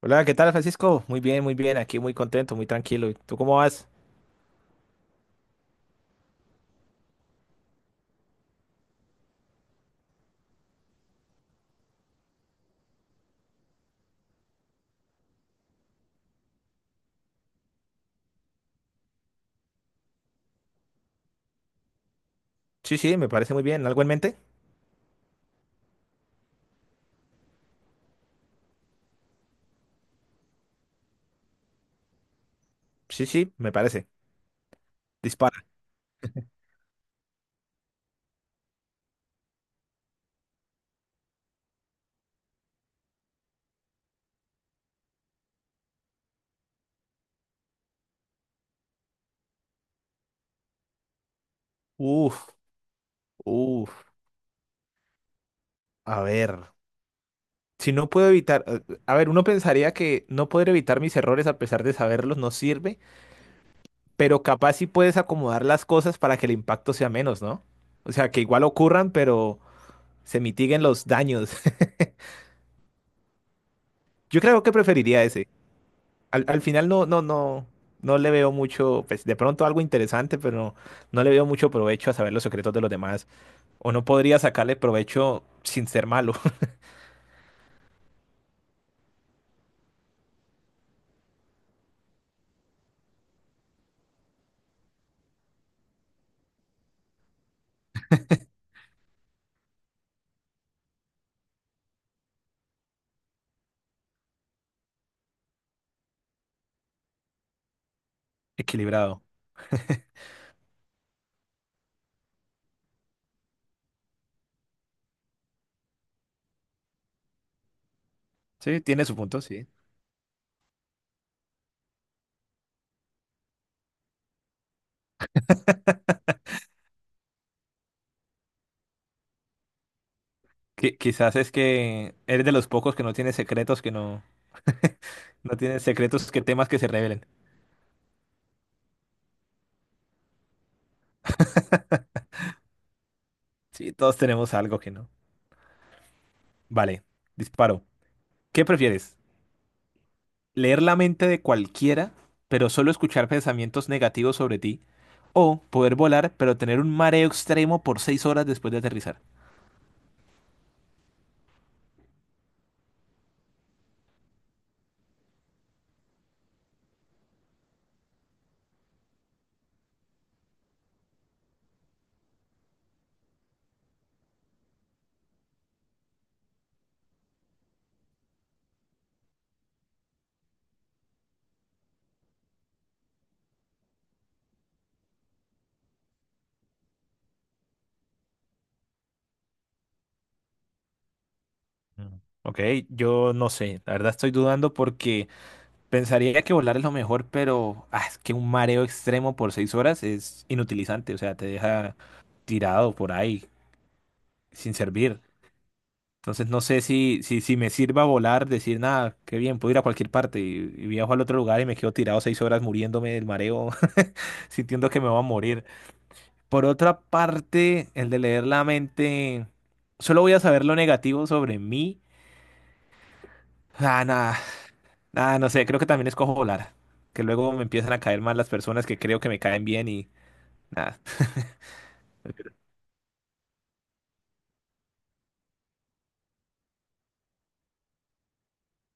Hola, ¿qué tal, Francisco? Muy bien, aquí muy contento, muy tranquilo. ¿Y tú cómo vas? Sí, sí, me parece muy bien. ¿Algo en mente? Sí, sí, me parece. Dispara. Uf, uf. A ver, si no puedo evitar, a ver, uno pensaría que no poder evitar mis errores a pesar de saberlos no sirve, pero capaz sí puedes acomodar las cosas para que el impacto sea menos, ¿no? O sea, que igual ocurran, pero se mitiguen los daños. Yo creo que preferiría ese. Al final no, no, no, no le veo mucho, pues de pronto algo interesante, pero no, no le veo mucho provecho a saber los secretos de los demás. O no podría sacarle provecho sin ser malo. Equilibrado. Sí, tiene su punto, sí. Quizás es que eres de los pocos que no tiene secretos, que no. No tiene secretos que temas que se revelen. Sí, todos tenemos algo que no. Vale, disparo. ¿Qué prefieres? Leer la mente de cualquiera, pero solo escuchar pensamientos negativos sobre ti, o poder volar, pero tener un mareo extremo por 6 horas después de aterrizar. Mm. Ok, yo no sé, la verdad estoy dudando porque pensaría que volar es lo mejor, pero ah, es que un mareo extremo por seis horas es inutilizante, o sea, te deja tirado por ahí, sin servir. Entonces no sé si me sirva volar, decir, nada, qué bien, puedo ir a cualquier parte y viajo al otro lugar y me quedo tirado 6 horas muriéndome del mareo sintiendo que me voy a morir. Por otra parte, el de leer la mente, solo voy a saber lo negativo sobre mí. Ah, nada, nada, no sé, creo que también escojo volar, que luego me empiezan a caer mal las personas que creo que me caen bien y nada.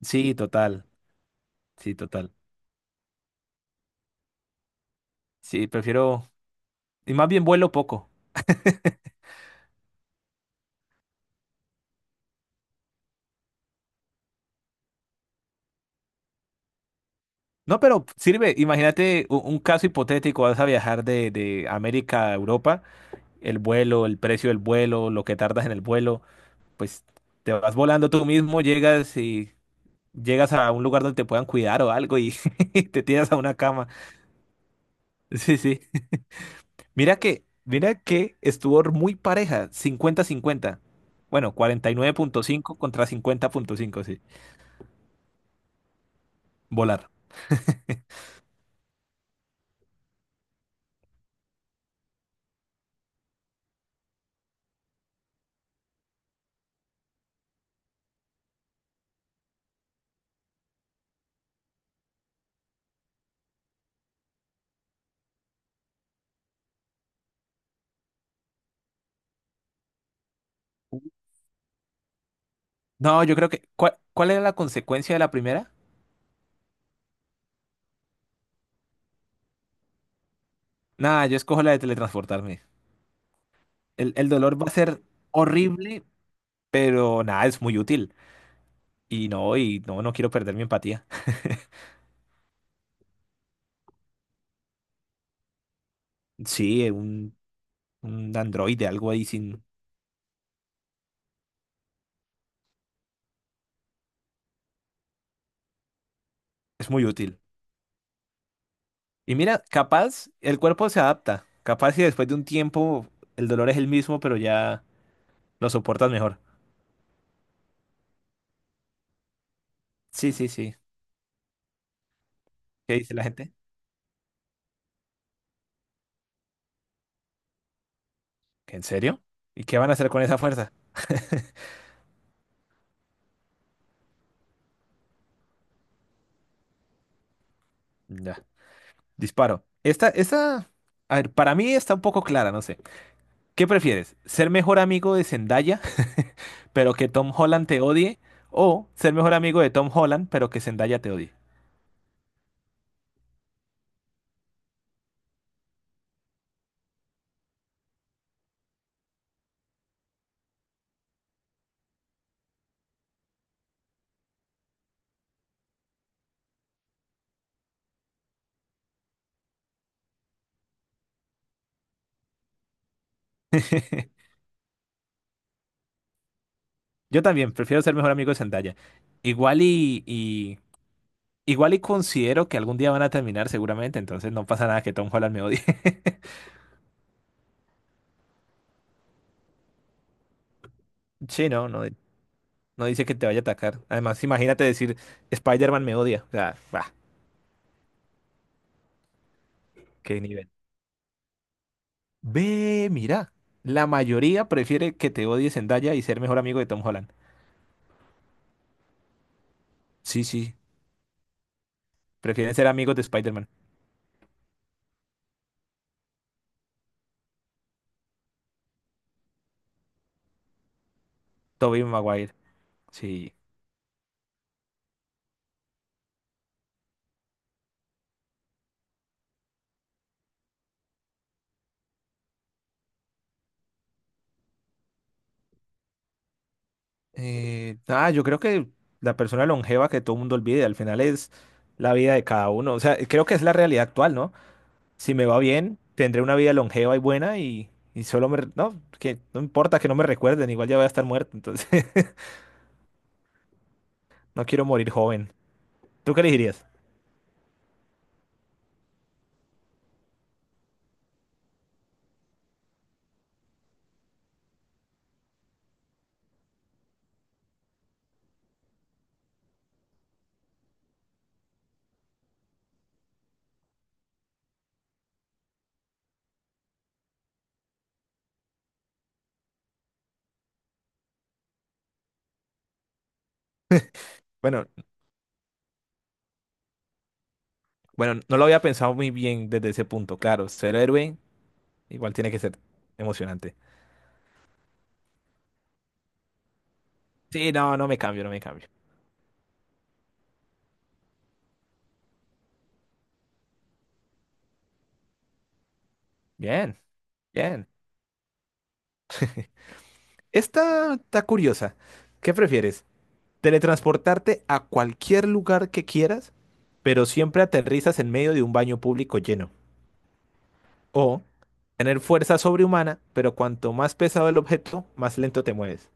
Sí, total, sí, total. Sí, prefiero, y más bien vuelo poco. No, pero sirve, imagínate un, caso hipotético, vas a viajar de América a Europa, el vuelo, el precio del vuelo, lo que tardas en el vuelo. Pues te vas volando tú mismo, llegas y llegas a un lugar donde te puedan cuidar o algo y te tiras a una cama. Sí, sí. Mira que estuvo muy pareja, 50/50. Bueno, 49,5 contra 50,5, sí. Volar. No, yo creo que. ¿Cuál era la consecuencia de la primera? Nada, yo escojo la de teletransportarme. El dolor va a ser horrible, pero nada, es muy útil. Y no, no quiero perder mi empatía. Sí, un androide, algo ahí sin... Es muy útil. Y mira, capaz el cuerpo se adapta. Capaz si después de un tiempo el dolor es el mismo, pero ya lo soportas mejor. Sí, sí, sí. ¿Qué dice la gente? ¿Que en serio? ¿Y qué van a hacer con esa fuerza? Ya. Disparo. A ver, para mí está un poco clara, no sé. ¿Qué prefieres? ¿Ser mejor amigo de Zendaya, pero que Tom Holland te odie? ¿O ser mejor amigo de Tom Holland, pero que Zendaya te odie? Yo también prefiero ser mejor amigo de Zendaya. Igual y, y- igual y considero que algún día van a terminar seguramente, entonces no pasa nada que Tom Holland me odie. Sí, no, no, no dice que te vaya a atacar. Además, imagínate decir Spider-Man me odia. O sea, bah, qué nivel. Ve, mira, la mayoría prefiere que te odie Zendaya y ser mejor amigo de Tom Holland. Sí, sí, prefieren ser amigos de Spider-Man. Tobey Maguire. Sí. Yo creo que la persona longeva que todo el mundo olvide al final es la vida de cada uno. O sea, creo que es la realidad actual, ¿no? Si me va bien, tendré una vida longeva y buena y solo me... No, que no importa que no me recuerden, igual ya voy a estar muerto, entonces no quiero morir joven. ¿Tú qué elegirías? Bueno, bueno, no lo había pensado muy bien desde ese punto, claro, ser héroe igual tiene que ser emocionante. Sí, no, no me cambio, no me cambio. Bien, bien. Esta está curiosa. ¿Qué prefieres? Teletransportarte a cualquier lugar que quieras, pero siempre aterrizas en medio de un baño público lleno. O tener fuerza sobrehumana, pero cuanto más pesado el objeto, más lento te mueves.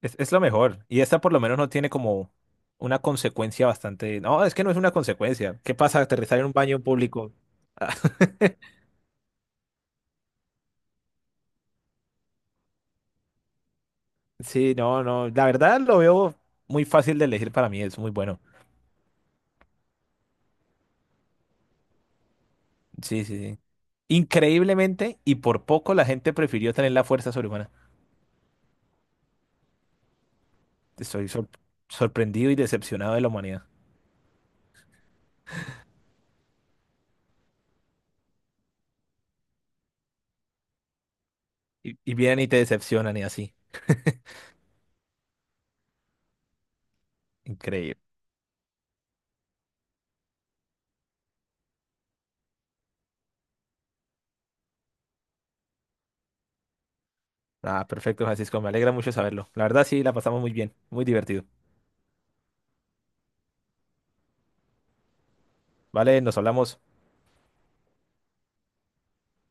Es lo mejor. Y esta por lo menos no tiene como una consecuencia bastante... No, es que no es una consecuencia. ¿Qué pasa aterrizar en un baño público? Sí, no, no. La verdad lo veo muy fácil de elegir para mí. Es muy bueno. Sí, sí, sí. Increíblemente, y por poco la gente prefirió tener la fuerza sobrehumana. Estoy sorprendido y decepcionado de la humanidad. Y vienen y te decepcionan y así. Increíble. Ah, perfecto, Francisco. Me alegra mucho saberlo. La verdad, sí, la pasamos muy bien. Muy divertido. Vale, nos hablamos.